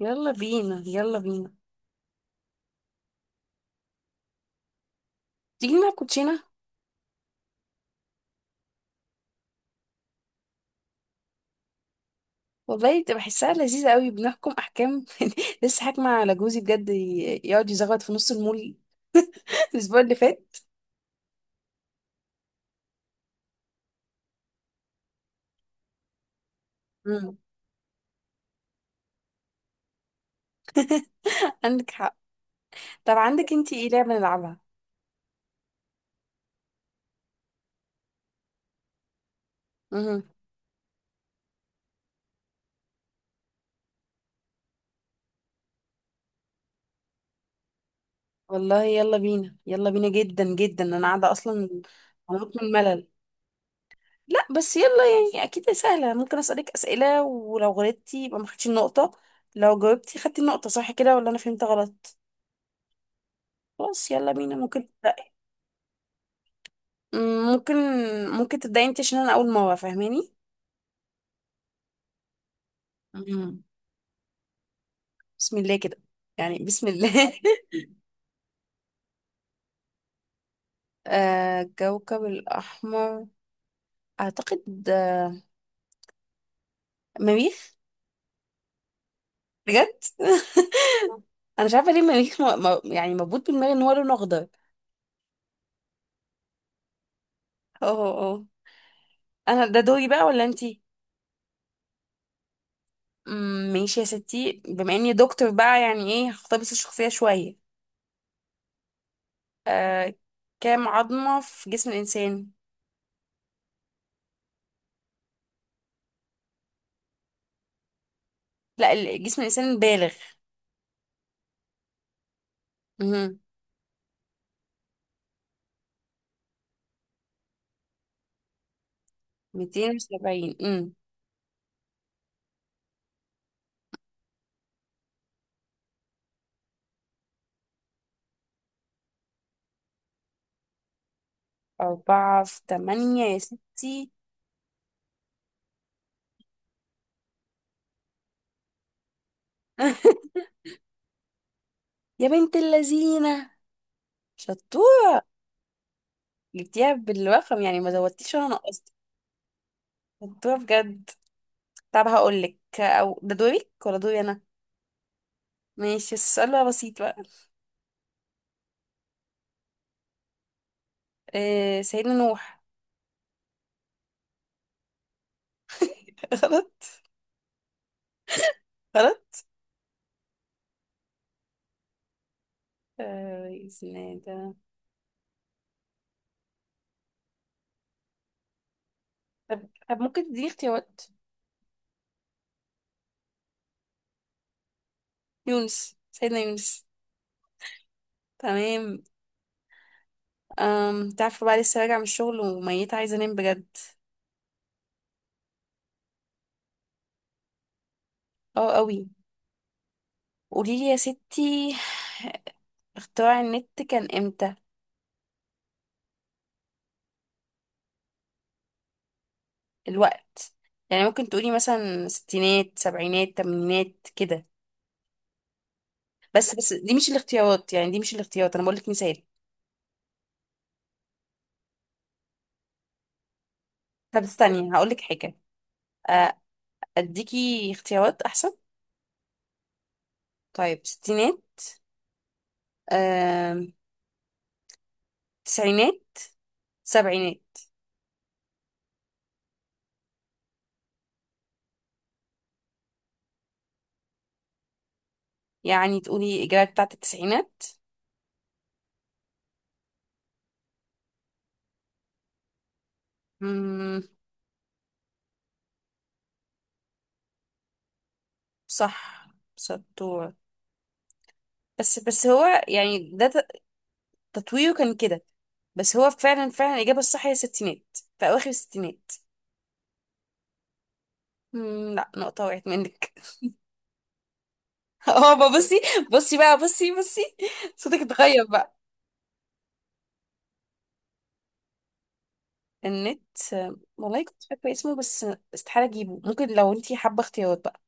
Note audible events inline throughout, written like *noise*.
يلا بينا يلا بينا. تيجي نلعب كوتشينة. والله تبقى بحسها لذيذة قوي، بنحكم أحكام. *laughs* لسه حاكمة على جوزي بجد، يقعد يزغط في نص المول. *laughs* الأسبوع اللي فات. مم. *laughs* عندك حق. طب عندك انتي ايه لعبة نلعبها؟ مم. والله يلا بينا يلا بينا جدا جدا، أنا قاعدة أصلا. هموت من الملل. لا، بس يلا. يعني أكيد سهلة، ممكن أسألك أسئلة، ولو غلطتي يبقى ما خدتش النقطة، لو جاوبتي خدتي النقطة، صح كده ولا أنا فهمت غلط؟ خلاص يلا بينا. ممكن، مم، ممكن ممكن تبدأي انت عشان انا اول مرة فاهماني. مم. بسم الله كده، يعني بسم الله. *laughs* آه، الكوكب الأحمر أعتقد مريخ. بجد؟ *laughs* أنا مش عارفة ليه مريخ يعني مربوط بدماغي إن هو لونه أخضر. اه اه اه. أنا ده دوري بقى ولا أنتي؟ ماشي يا ستي، بما إني دكتور بقى يعني إيه، هختار بس الشخصية شوية. آه. كام عظمة في جسم الإنسان؟ لا، جسم الإنسان البالغ. مهم. 270. مم. أربعة في تمانية يا ستي. *laughs* يا بنت اللذينة، شطورة. جبتيها بالرقم يعني، ما زودتيش ولا نقصتي. شطورة بجد. طب هقولك، أو ده دورك ولا دوري أنا؟ ماشي، السؤال بقى بسيط بقى. آه، سيدنا نوح. *laughs* غلط، غلط. آه، اسمه ده. طب ممكن تديني اختيارات. يونس، سيدنا يونس. تمام. أم تعرفوا بقى، لسه راجعة من الشغل وميتة عايزة أنام بجد. اه قوي. قوليلي يا ستي، اختراع النت كان امتى؟ الوقت، يعني ممكن تقولي مثلا ستينات، سبعينات، تمانينات كده. بس دي مش الاختيارات، يعني دي مش الاختيارات، انا بقولك مثال. طب استني هقولك حاجة. آه، اديكي اختيارات احسن. طيب، ستينات، آم، تسعينات، سبعينات. يعني تقولي الإجابة بتاعت التسعينات؟ مم، صح، شطورة. بس هو يعني ده، تطويره كان كده، بس هو فعلا فعلا الإجابة الصح هي الستينات، في أواخر الستينات. لا، نقطة وقعت منك. *laughs* اه بقى بصي، بصي بقى بصي بصي، صوتك اتغير بقى. النت، والله كنت فاكرة اسمه بس، استحالة أجيبه. ممكن لو انتي حابة اختيارات بقى.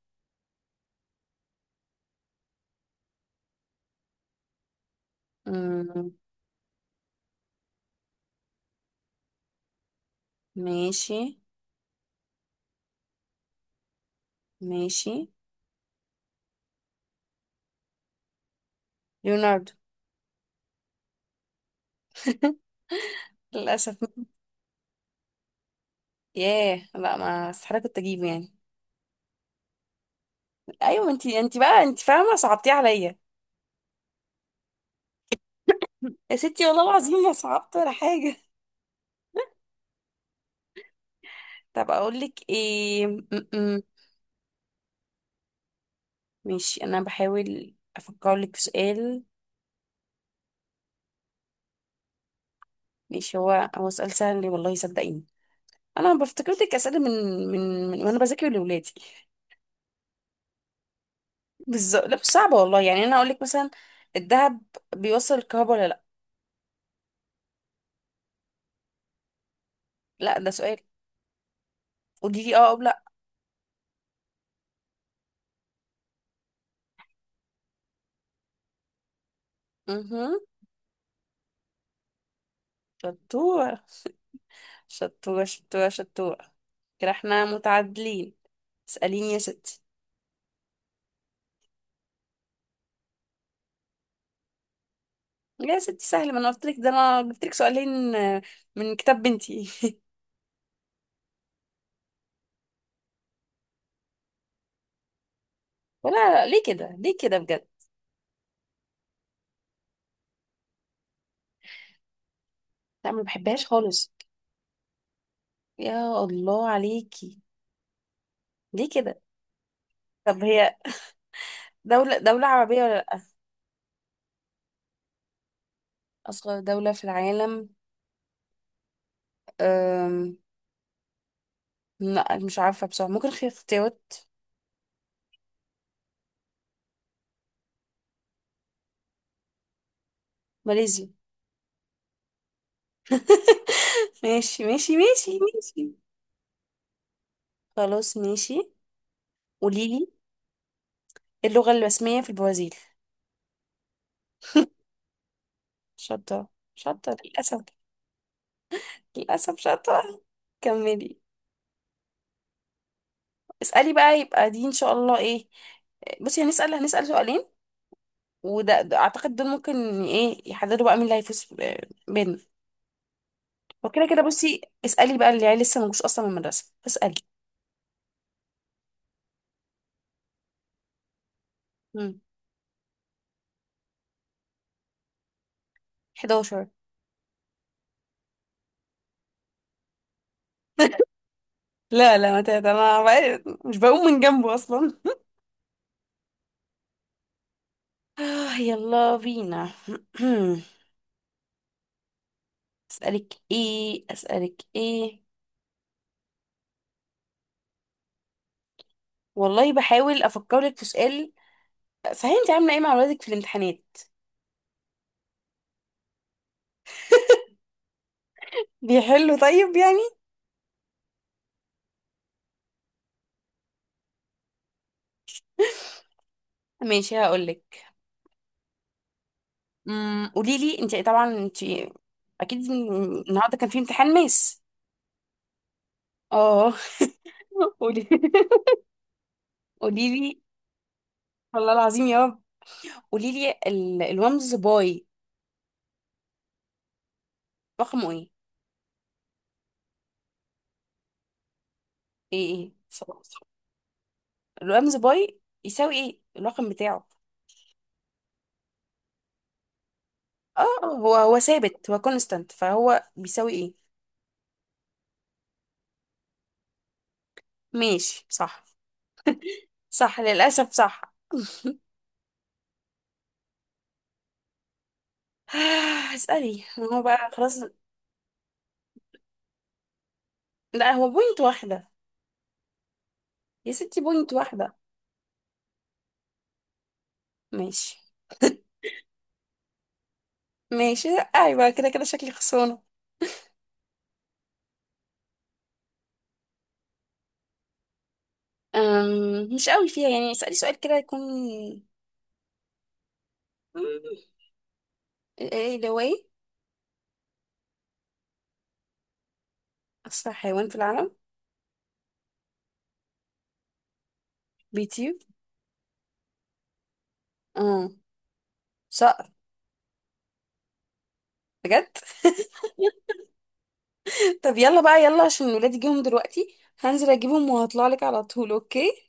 مم، ماشي، ماشي، ليوناردو. *laughs* للأسف. ياه، لا، ما استحالة كنت أجيبه يعني. أيوة، ما انتي بقى انتي فاهمة، صعبتيه عليا. يا ستي والله العظيم ما صعبت ولا حاجة. طب اقول لك ايه، ماشي، انا بحاول افكر لك في سؤال. ماشي، هو سؤال سهل والله صدقيني. انا بفتكر لك اسئله من، وانا بذاكر لاولادي. بالظبط. لا، مش صعبه والله، يعني انا اقول لك مثلا، الذهب بيوصل الكهرباء ولا لا؟ لا، ده سؤال، قولي لي اه او لا. اها. شطوره. *laughs* شطوره، شطوره، شطوره. كده احنا متعادلين، اساليني يا ستي. يا ستي سهل، ما انا قلت لك ده انا جبت لك سؤالين، من كتاب بنتي. *laughs* لا لا، ليه كده، ليه كده، بجد. لا، ما بحبهاش خالص. يا الله عليكي، ليه كده. طب هي، دولة عربية ولا لأ؟ أصغر دولة في العالم، أم... لا، مش عارفة بصراحة. ممكن في اختيارات؟ ماليزيا. *laughs* ماشي ماشي ماشي ماشي. خلاص ماشي، قوليلي. اللغة الرسمية في البرازيل. شاطرة، شاطرة، للأسف. للأسف شاطرة. كملي. اسألي بقى، يبقى دي إن شاء الله إيه. بصي، هنسأل سؤالين، وده، اعتقد دول ممكن ايه يحددوا بقى مين اللي هيفوز بيننا. وكده كده، بصي اسالي بقى، اللي يعني لسه مجوش اصلا من المدرسه، اسالي. امم 11. *laughs* لا لا، ما تهت انا، بقى مش بقوم من جنبه اصلا. آه، يلا بينا. *clears throat* اسالك ايه، اسالك ايه. والله بحاول افكر لك في سؤال. صحيح، انت عامله ايه مع اولادك في الامتحانات؟ بيحلوا طيب يعني؟ ماشي هقول لك، قولي لي انت طبعا انت اكيد. النهارده كان في امتحان ماس. اه. *laughs* قولي قولي لي. والله العظيم يا رب، قولي لي الرمز باي، رقمه ايه صح. الرمز باي يساوي ايه الرقم بتاعه؟ اه، هو ثابت، هو كونستانت، فهو بيساوي ايه؟ ماشي صح. صح للاسف صح. *sighs* اسالي، ما هو بقى خلاص. لا، هو بوينت واحده. يا ستي بوينت واحده. ماشي. *laughs* ماشي. ايوه كده، كده شكلي خسرانه. مش قوي فيها يعني، اسالي سؤال كده يكون. ايه ده واي؟ اسرع حيوان في العالم. بيطير. اه. صقر. بجد؟ *laughs* طب يلا بقى يلا، عشان ولادي جيهم دلوقتي، هنزل اجيبهم وهطلع لك على طول، اوكي.